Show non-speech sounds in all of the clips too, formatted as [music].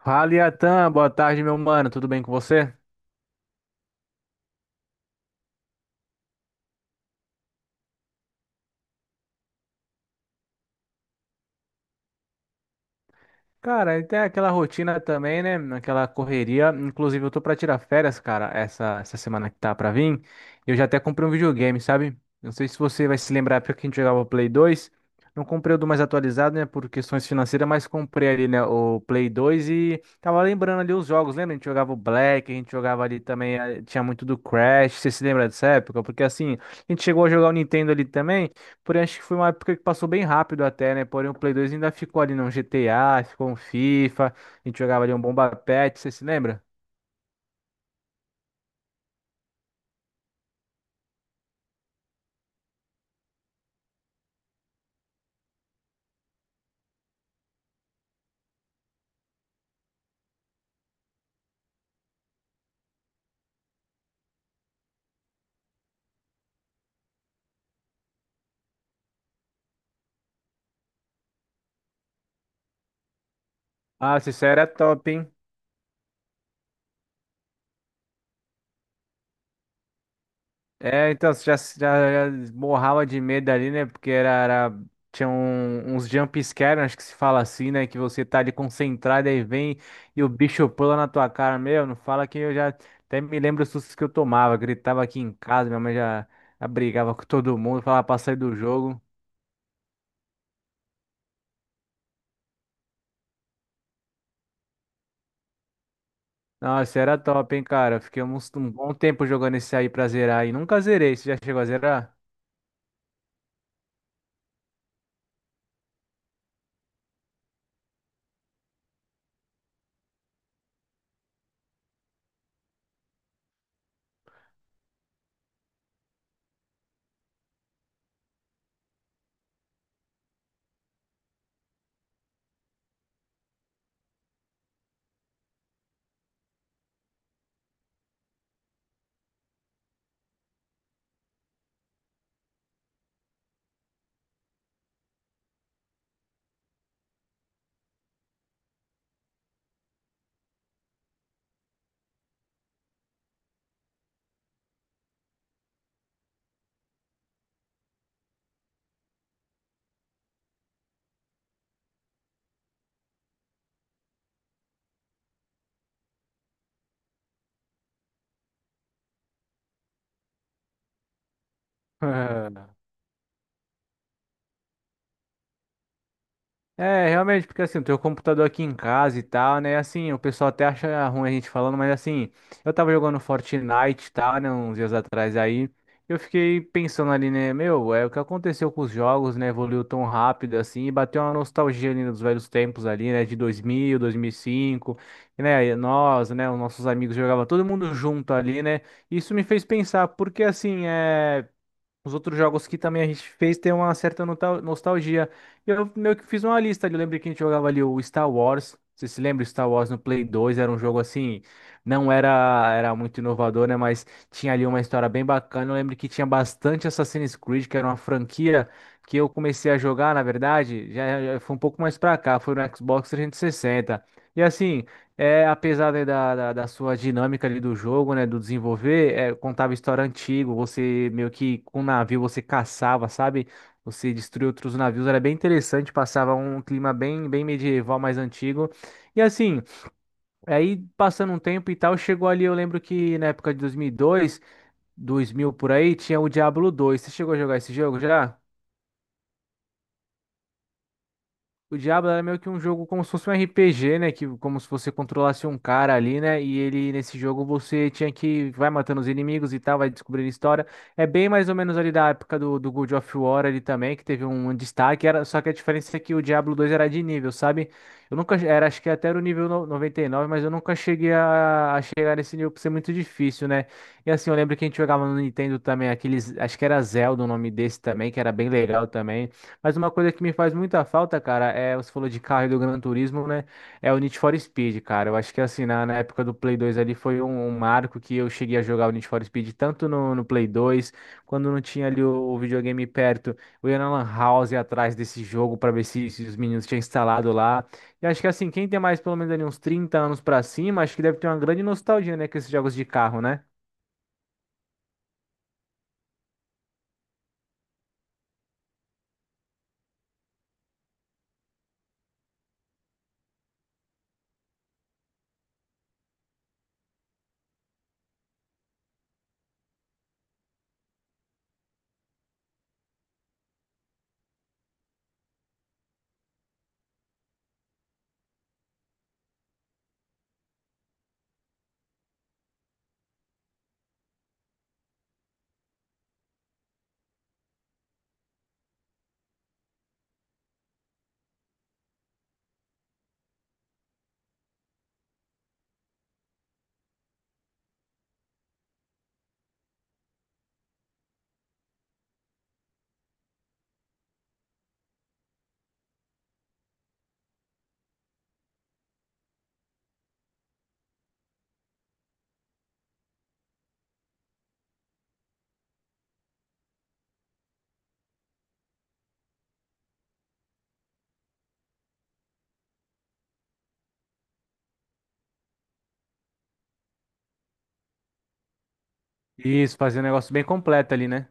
Fala, Iatan, boa tarde, meu mano. Tudo bem com você? Cara, e tem aquela rotina também, né? Aquela correria. Inclusive, eu tô pra tirar férias, cara, essa semana que tá pra vir. Eu já até comprei um videogame, sabe? Não sei se você vai se lembrar, porque a gente jogava o Play 2. Não comprei o do mais atualizado, né? Por questões financeiras, mas comprei ali, né? O Play 2 e tava lembrando ali os jogos, lembra? A gente jogava o Black, a gente jogava ali também, tinha muito do Crash. Você se lembra dessa época? Porque assim, a gente chegou a jogar o Nintendo ali também. Porém, acho que foi uma época que passou bem rápido até, né? Porém, o Play 2 ainda ficou ali no GTA, ficou um FIFA, a gente jogava ali um Bomba pet, você se lembra? Ah, isso era top, hein? É, então, você já morrava de medo ali, né? Porque tinha uns jump scare, acho que se fala assim, né? Que você tá ali concentrado, aí vem e o bicho pula na tua cara, meu, não fala que eu já até me lembro os sustos que eu tomava, gritava aqui em casa, minha mãe já, já brigava com todo mundo, falava pra sair do jogo. Nossa, era top, hein, cara. Eu fiquei um bom tempo jogando esse aí pra zerar e nunca zerei. Você já chegou a zerar? [laughs] É, realmente, porque assim, eu tenho o computador aqui em casa e tal, né? Assim, o pessoal até acha ruim a gente falando, mas assim, eu tava jogando Fortnite e tal, né? Uns dias atrás aí. Eu fiquei pensando ali, né? Meu, é o que aconteceu com os jogos, né? Evoluiu tão rápido assim, e bateu uma nostalgia ali dos velhos tempos ali, né? De 2000, 2005, né? Nós, né? Os nossos amigos jogavam todo mundo junto ali, né? Isso me fez pensar, porque assim, é. Os outros jogos que também a gente fez tem uma certa nostalgia. E eu meio que fiz uma lista ali. Eu lembro que a gente jogava ali o Star Wars. Você se lembra? O Star Wars no Play 2 era um jogo assim, não era era muito inovador, né? Mas tinha ali uma história bem bacana. Eu lembro que tinha bastante Assassin's Creed, que era uma franquia que eu comecei a jogar, na verdade, já foi um pouco mais pra cá, foi no Xbox 360. E assim, é, apesar, né, da sua dinâmica ali do jogo, né, do desenvolver, é, contava história antiga, você meio que com um navio você caçava, sabe? Você destruía outros navios, era bem interessante, passava um clima bem, bem medieval, mais antigo. E assim, aí passando um tempo e tal, chegou ali, eu lembro que na época de 2000 por aí, tinha o Diablo 2. Você chegou a jogar esse jogo já? O Diablo era meio que um jogo como se fosse um RPG, né? Que, como se você controlasse um cara ali, né? E ele, nesse jogo, você tinha que vai matando os inimigos e tal, vai descobrindo história. É bem mais ou menos ali da época do, do God of War ali também, que teve um destaque. Era, só que a diferença é que o Diablo 2 era de nível, sabe? Eu nunca, era, acho que até era o nível 99, mas eu nunca cheguei a chegar nesse nível por ser muito difícil, né? E assim, eu lembro que a gente jogava no Nintendo também, aqueles, acho que era Zelda o nome desse também, que era bem legal também. Mas uma coisa que me faz muita falta, cara, é você falou de carro e do Gran Turismo, né? É o Need for Speed, cara. Eu acho que assim, na época do Play 2 ali foi um, um marco que eu cheguei a jogar o Need for Speed tanto no Play 2, quando não tinha ali o videogame perto, eu ia na Lan House atrás desse jogo pra ver se, se os meninos tinham instalado lá. E acho que assim, quem tem mais pelo menos ali uns 30 anos pra cima, acho que deve ter uma grande nostalgia, né, com esses jogos de carro, né? Isso, fazer um negócio bem completo ali, né?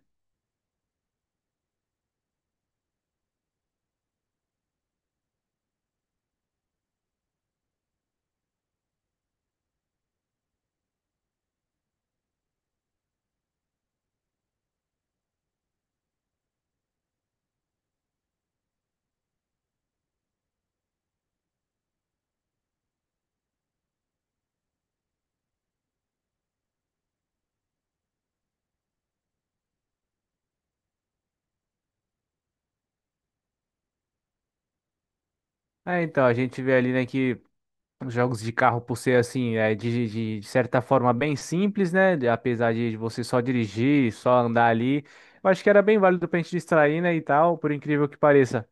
É, então, a gente vê ali, né, que os jogos de carro, por ser assim, é, de certa forma bem simples, né? Apesar de você só dirigir, só andar ali, eu acho que era bem válido pra gente distrair, né? E tal, por incrível que pareça.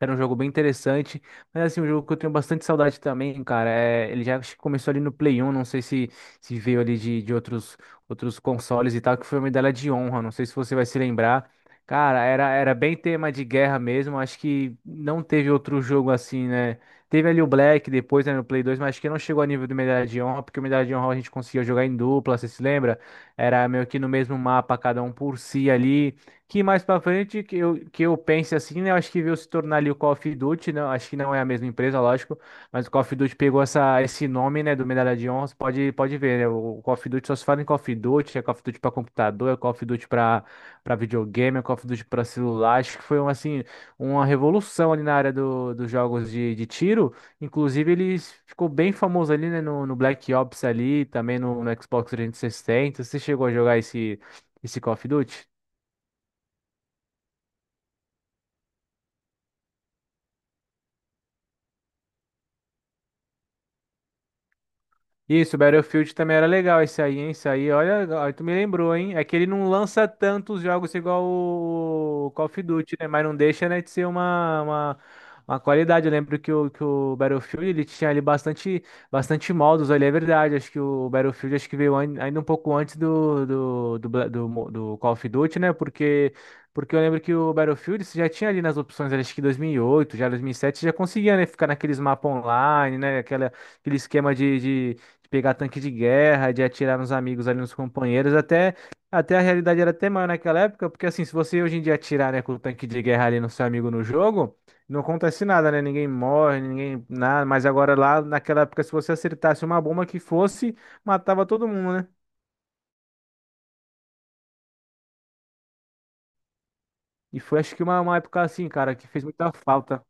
Era um jogo bem interessante, mas assim, um jogo que eu tenho bastante saudade também, cara. É, ele já acho que começou ali no Play 1, não sei se, se veio ali de outros, outros consoles e tal, que foi a Medalha de Honra, não sei se você vai se lembrar. Cara, era, era bem tema de guerra mesmo, acho que não teve outro jogo assim, né? Teve ali o Black depois, né, no Play 2, mas acho que não chegou a nível do Medalha de Honra, porque o Medalha de Honra a gente conseguia jogar em dupla, você se lembra? Era meio que no mesmo mapa, cada um por si ali que mais pra frente que eu pense assim, né? Eu acho que veio se tornar ali o Call of Duty, né? Acho que não é a mesma empresa, lógico, mas o Call of Duty pegou essa, esse nome, né, do Medalha de Honra, você pode, pode ver, né? O Call of Duty só se fala em Call of Duty, é Call of Duty pra computador, é Call of Duty pra, pra videogame, é Call of Duty pra celular. Acho que foi um, assim, uma revolução ali na área do, dos jogos de tiro. Inclusive, ele ficou bem famoso ali, né, no, no Black Ops ali, também no, no Xbox 360. Você chegou a jogar esse, esse Call of Duty? Isso, Battlefield também era legal esse aí, hein? Esse aí, olha, olha, tu me lembrou, hein? É que ele não lança tantos jogos igual o Call of Duty, né? Mas não deixa, né, de ser uma qualidade. Eu lembro que o Battlefield, ele tinha ali bastante, bastante modos, ali, é verdade. Acho que o Battlefield, acho que veio ainda um pouco antes do, do, do Call of Duty, né? Porque... Porque eu lembro que o Battlefield você já tinha ali nas opções, acho que 2008, já 2007, você já conseguia, né, ficar naqueles mapas online, né, aquela, aquele esquema de pegar tanque de guerra, de atirar nos amigos ali, nos companheiros, até, até a realidade era até maior naquela época, porque assim, se você hoje em dia atirar, né, com o tanque de guerra ali no seu amigo no jogo, não acontece nada, né? Ninguém morre, ninguém nada, mas agora lá naquela época, se você acertasse uma bomba que fosse, matava todo mundo, né? E foi acho que uma época assim, cara, que fez muita falta.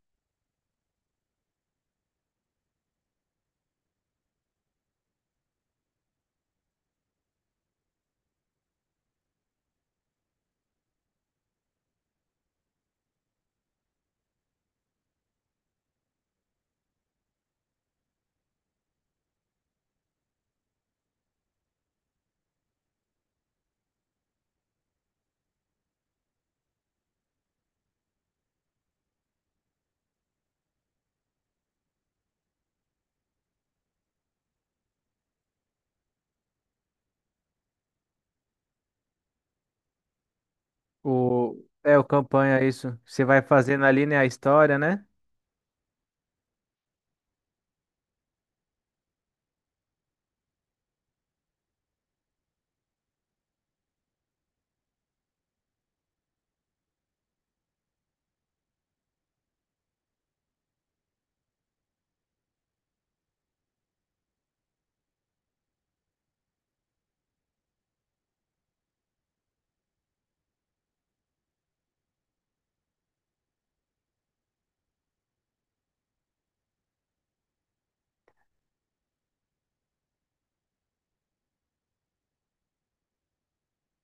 O, é, o campanha, isso. Você vai fazendo ali, né, a história, né?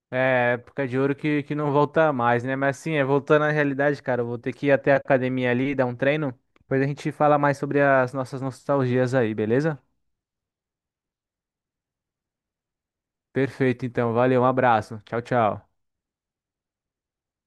É, época de ouro que não volta mais, né? Mas assim, é, voltando à realidade, cara, eu vou ter que ir até a academia ali, dar um treino. Depois a gente fala mais sobre as nossas nostalgias aí, beleza? Perfeito, então. Valeu, um abraço. Tchau, tchau.